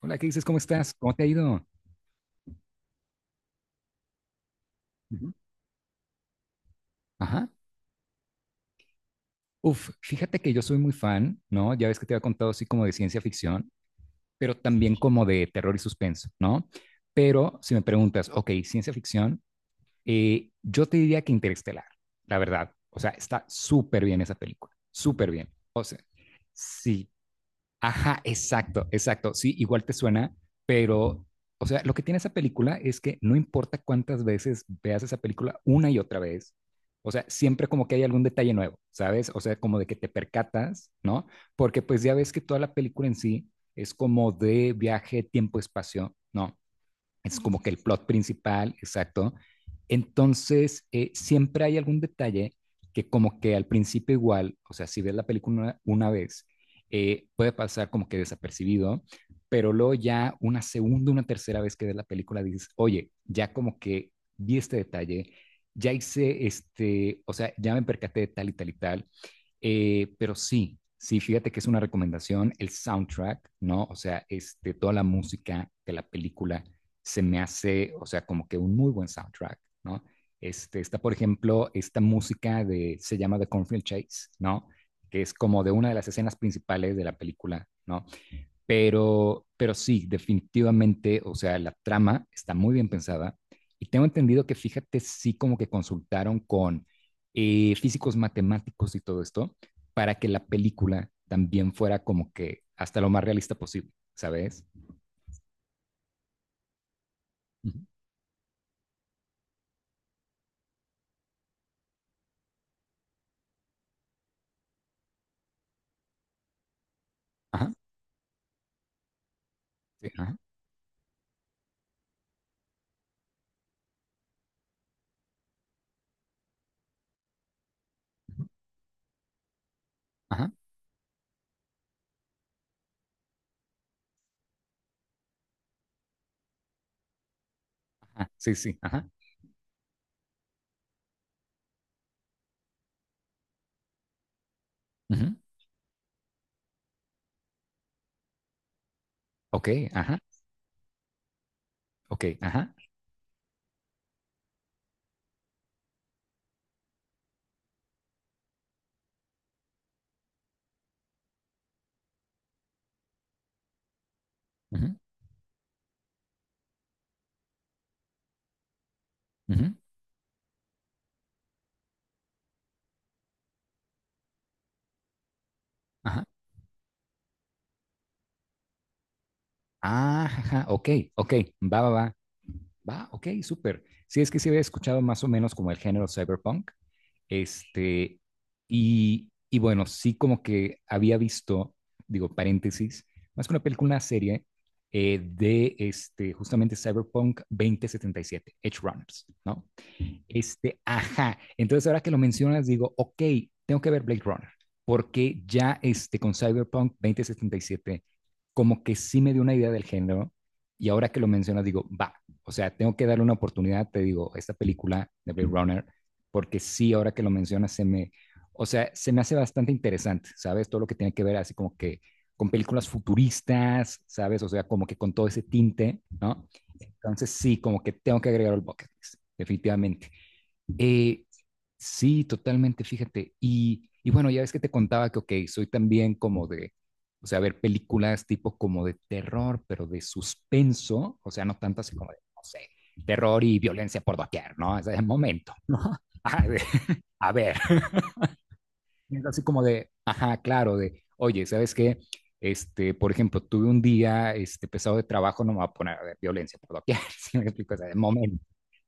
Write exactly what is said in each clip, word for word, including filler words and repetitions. Hola, ¿qué dices? ¿Cómo estás? ¿Cómo te ha ido? Ujú. Ajá. Uf, fíjate que yo soy muy fan, ¿no? Ya ves que te había contado así como de ciencia ficción, pero también como de terror y suspenso, ¿no? Pero si me preguntas, ok, ciencia ficción, eh, yo te diría que Interestelar, la verdad. O sea, está súper bien esa película, súper bien. O sea, sí, ajá, exacto, exacto. Sí, igual te suena, pero, o sea, lo que tiene esa película es que no importa cuántas veces veas esa película una y otra vez, o sea, siempre como que hay algún detalle nuevo, ¿sabes? O sea, como de que te percatas, ¿no? Porque pues ya ves que toda la película en sí es como de viaje, tiempo, espacio, ¿no? Es como que el plot principal, exacto. Entonces, eh, siempre hay algún detalle que como que al principio igual, o sea, si ves la película una, una vez, eh, puede pasar como que desapercibido, pero luego ya una segunda, una tercera vez que ves la película dices, oye, ya como que vi este detalle, ya hice este, o sea, ya me percaté de tal y tal y tal, Eh, pero sí, sí, fíjate que es una recomendación, el soundtrack, ¿no? O sea, este, toda la música de la película se me hace, o sea, como que un muy buen soundtrack, ¿no? Este, está, por ejemplo, esta música de, se llama The Cornfield Chase, ¿no? Que es como de una de las escenas principales de la película, ¿no? Pero, pero sí, definitivamente, o sea, la trama está muy bien pensada. Y tengo entendido que, fíjate, sí como que consultaron con eh, físicos matemáticos y todo esto para que la película también fuera como que hasta lo más realista posible, ¿sabes? Ajá, sí, ajá, ajá. Ajá, sí, sí, ajá. Ujú. Ok, ajá, ok, ajá. Ujú, ujú, ajá. Ah, ajá, ok, ok, va, va, va, va, ok, súper. Sí, es que sí había escuchado más o menos como el género cyberpunk, este, y, y bueno, sí como que había visto, digo, paréntesis, más que una película, una serie eh, de este, justamente Cyberpunk dos mil setenta y siete Edge Runners, ¿no? Este, ajá. Entonces, ahora que lo mencionas, digo, ok, tengo que ver Blade Runner, porque ya este, con Cyberpunk veinte setenta y siete, como que sí me dio una idea del género, y ahora que lo mencionas, digo, va, o sea, tengo que darle una oportunidad, te digo, a esta película de Blade Runner, porque sí, ahora que lo mencionas, se me, o sea, se me hace bastante interesante, ¿sabes? Todo lo que tiene que ver así como que con películas futuristas, ¿sabes? O sea, como que con todo ese tinte, ¿no? Entonces sí, como que tengo que agregar el bucket list, definitivamente. Eh, sí, totalmente, fíjate. Y, y bueno, ya ves que te contaba que, ok, soy también como de, o sea, ver películas tipo como de terror, pero de suspenso, o sea, no tanto así como de, no sé, terror y violencia por doquier, ¿no? Ese es el momento, ¿no? Ajá, de- a ver, es así como de, ajá, claro, de, oye, ¿sabes qué? Este, por ejemplo, tuve un día este, pesado de trabajo, no me voy a poner a ver violencia por doquier, si me explico, o sea, de momento.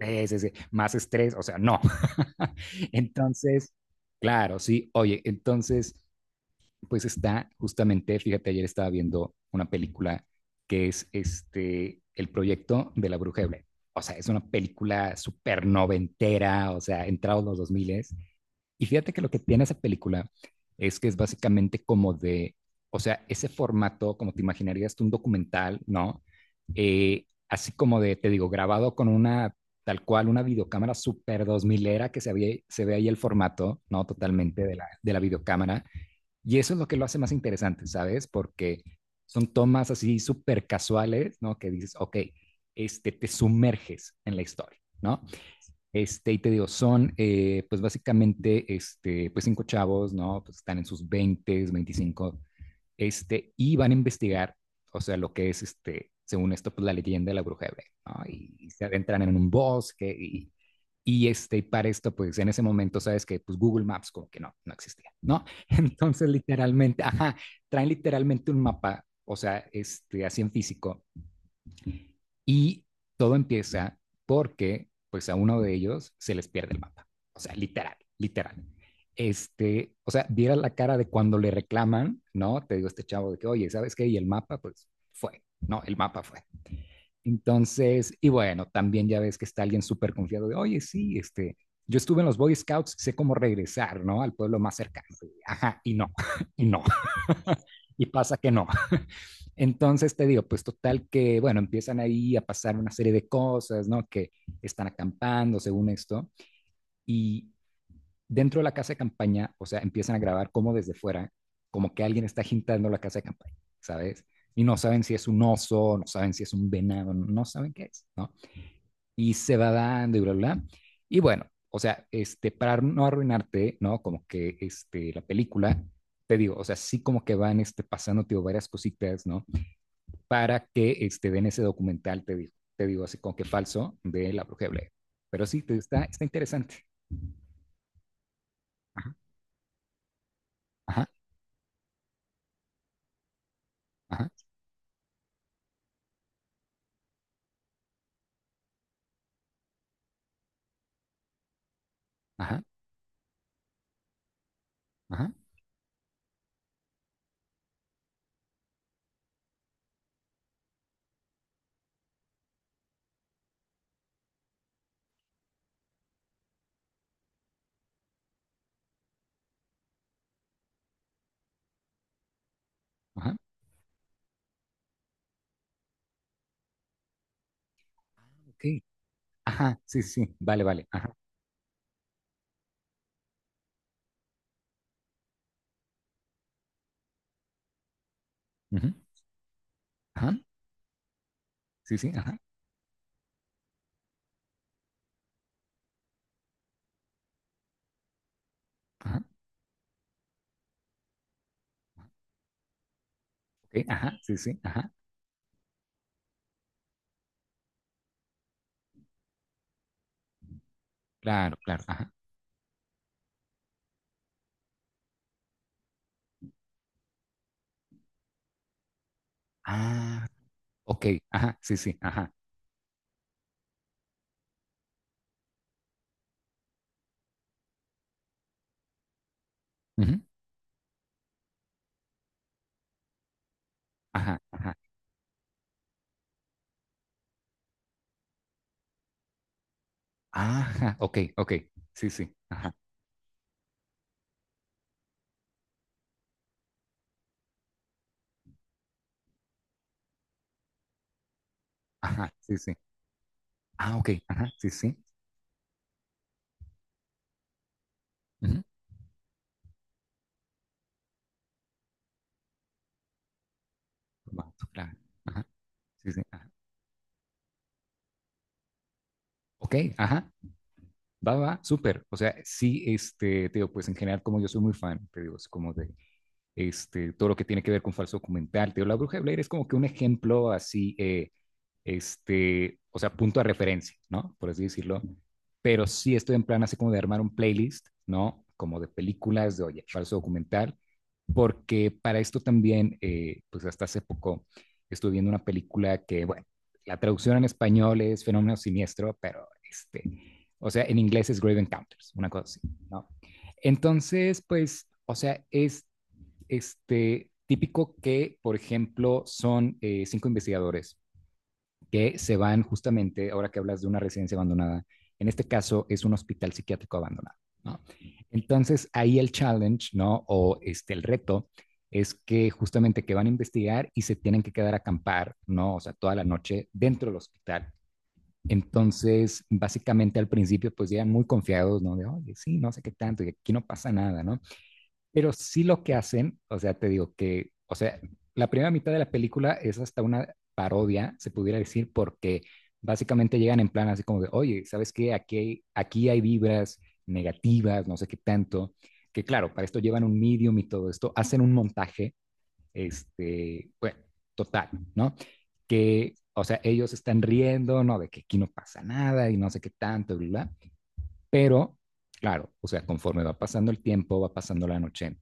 Sí, sí, sí, más estrés, o sea, no. Entonces, claro, sí, oye, entonces, pues está justamente, fíjate, ayer estaba viendo una película que es este, el proyecto de la bruja de Blair. O sea, es una película súper noventera, o sea, entrados los dos mil y fíjate que lo que tiene esa película es que es básicamente como de, o sea, ese formato, como te imaginarías tú un documental, ¿no? Eh, así como de, te digo, grabado con una, tal cual, una videocámara super dos milera que se, había- se ve ahí el formato, ¿no? Totalmente de la, de la videocámara. Y eso es lo que lo hace más interesante, ¿sabes? Porque son tomas así súper casuales, ¿no? Que dices, ok, este, te sumerges en la historia, ¿no? Este, y te digo, son eh, pues básicamente este, pues cinco chavos, ¿no? Pues están en sus veinte, veinticinco este, y van a investigar, o sea, lo que es, este, según esto, pues la leyenda de la bruja de Blair, ¿no? Y, y se adentran en un bosque y, y este, y para esto, pues en ese momento, sabes que pues Google Maps como que no, no existía, ¿no? Entonces, literalmente, ajá, traen literalmente un mapa, o sea, este, así en físico, y todo empieza porque, pues, a uno de ellos se les pierde el mapa. O sea, literal, literal. Este, o sea, viera la cara de cuando le reclaman, ¿no? Te digo este chavo de que, oye, ¿sabes qué? Y el mapa, pues, fue, ¿no? El mapa fue. Entonces, y bueno, también ya ves que está alguien súper confiado de, oye, sí, este, yo estuve en los Boy Scouts, sé cómo regresar, ¿no? Al pueblo más cercano. Ajá, y no, y no. Y pasa que no, entonces te digo, pues total que, bueno, empiezan ahí a pasar una serie de cosas, ¿no? Que están acampando según esto. Y dentro de la casa de campaña, o sea, empiezan a grabar como desde fuera, como que alguien está agitando la casa de campaña, ¿sabes? Y no saben si es un oso, no saben si es un venado, no no saben qué es. Y se va dando y bla, bla, bla. Y bueno, o sea, este, para no arruinarte, ¿no? Como que este, la película, te digo, o sea, sí como que van este, pasando, tío, varias cositas, ¿no? Para que este, ven ese documental, te digo, te digo así con que falso, de la bruja de Blair. Pero sí, te- está, está interesante. Ajá, ajá, ajá, ajá, ajá, ajá. Ah, ok, ajá, sí, sí, sí, vale, vale, ajá, ujú, ajá, sí, sí, ajá, ajá, ok, ajá, sí, sí, ajá, claro, claro, ajá, ah, ok, ajá, sí, sí, ajá, ujú, ajá, ajá, ajá, ok, ok, sí, sí, ajá, ajá, sí, sí, ah, ok, ajá, sí, sí, ujú, formato, claro, ajá, sí, sí, ajá. Ok, ajá, va, va, súper. O sea, sí, este, te digo, pues en general, como yo soy muy fan, te digo, es como de, este, todo lo que tiene que ver con falso documental. Te digo, la bruja de Blair es como que un ejemplo así, eh, este, o sea, punto de referencia, ¿no? Por así decirlo. Pero sí estoy en plan así como de armar un playlist, ¿no? Como de películas de, oye, falso documental, porque para esto también, eh, pues hasta hace poco estuve viendo una película que, bueno, la traducción en español es Fenómeno Siniestro, pero este, o sea, en inglés es Grave Encounters, una cosa así, ¿no? Entonces, pues, o sea, es este, típico que, por ejemplo, son eh, cinco investigadores que se van justamente, ahora que hablas de una residencia abandonada, en este caso es un hospital psiquiátrico abandonado, ¿no? Entonces, ahí el challenge, ¿no? O este, el reto es que justamente que van a investigar y se tienen que quedar a acampar, ¿no? O sea, toda la noche dentro del hospital. Entonces, básicamente al principio, pues llegan muy confiados, ¿no? De, oye, sí, no sé qué tanto, y aquí no pasa nada, ¿no? Pero sí lo que hacen, o sea, te digo que, o sea, la primera mitad de la película es hasta una parodia, se pudiera decir, porque básicamente llegan en plan así como de, oye, ¿sabes qué? Aquí hay, aquí hay vibras negativas, no sé qué tanto, que claro, para esto llevan un medium y todo esto, hacen un montaje, este, bueno, total, ¿no? Que, o sea, ellos están riendo, ¿no? De que aquí no pasa nada y no sé qué tanto, bla, bla, bla. Pero, claro, o sea, conforme va pasando el tiempo, va pasando la noche,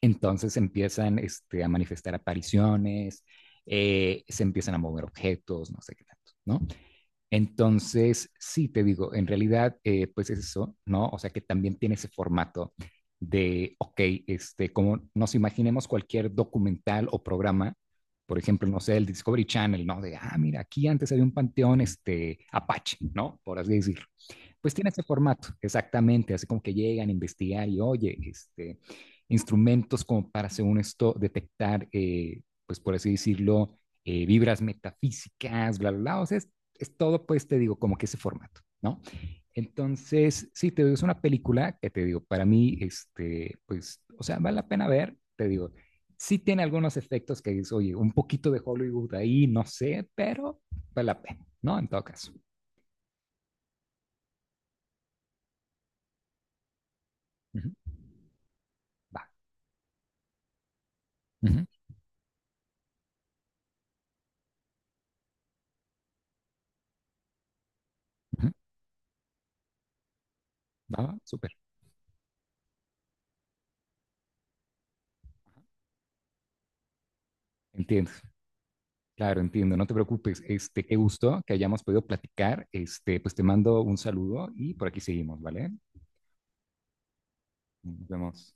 entonces empiezan este, a manifestar apariciones, eh, se empiezan a mover objetos, no sé qué tanto, ¿no? Entonces, sí, te digo, en realidad, eh, pues es eso, ¿no? O sea que también tiene ese formato de, ok, este, como nos imaginemos cualquier documental o programa, por ejemplo, no sé, el Discovery Channel, ¿no? De, ah, mira, aquí antes había un panteón, este, Apache, ¿no? Por así decirlo. Pues tiene ese formato, exactamente, así como que llegan a investigar y oye, este, instrumentos como para, según esto, detectar, eh, pues por así decirlo, eh, vibras metafísicas, bla, bla, bla, o sea, es, es todo, pues te digo, como que ese formato, ¿no? Entonces, sí, te digo, es una película que te digo, para mí, este, pues, o sea, vale la pena ver, te digo, sí tiene algunos efectos que es, oye, un poquito de Hollywood ahí, no sé, pero vale la pena, ¿no? En todo caso. Uh -huh. Va. Uh -huh. Uh -huh. Ah, súper. Entiendo. Claro, entiendo. No te preocupes. Este, qué gusto que hayamos podido platicar. Este, pues te mando un saludo y por aquí seguimos, ¿vale? Nos vemos.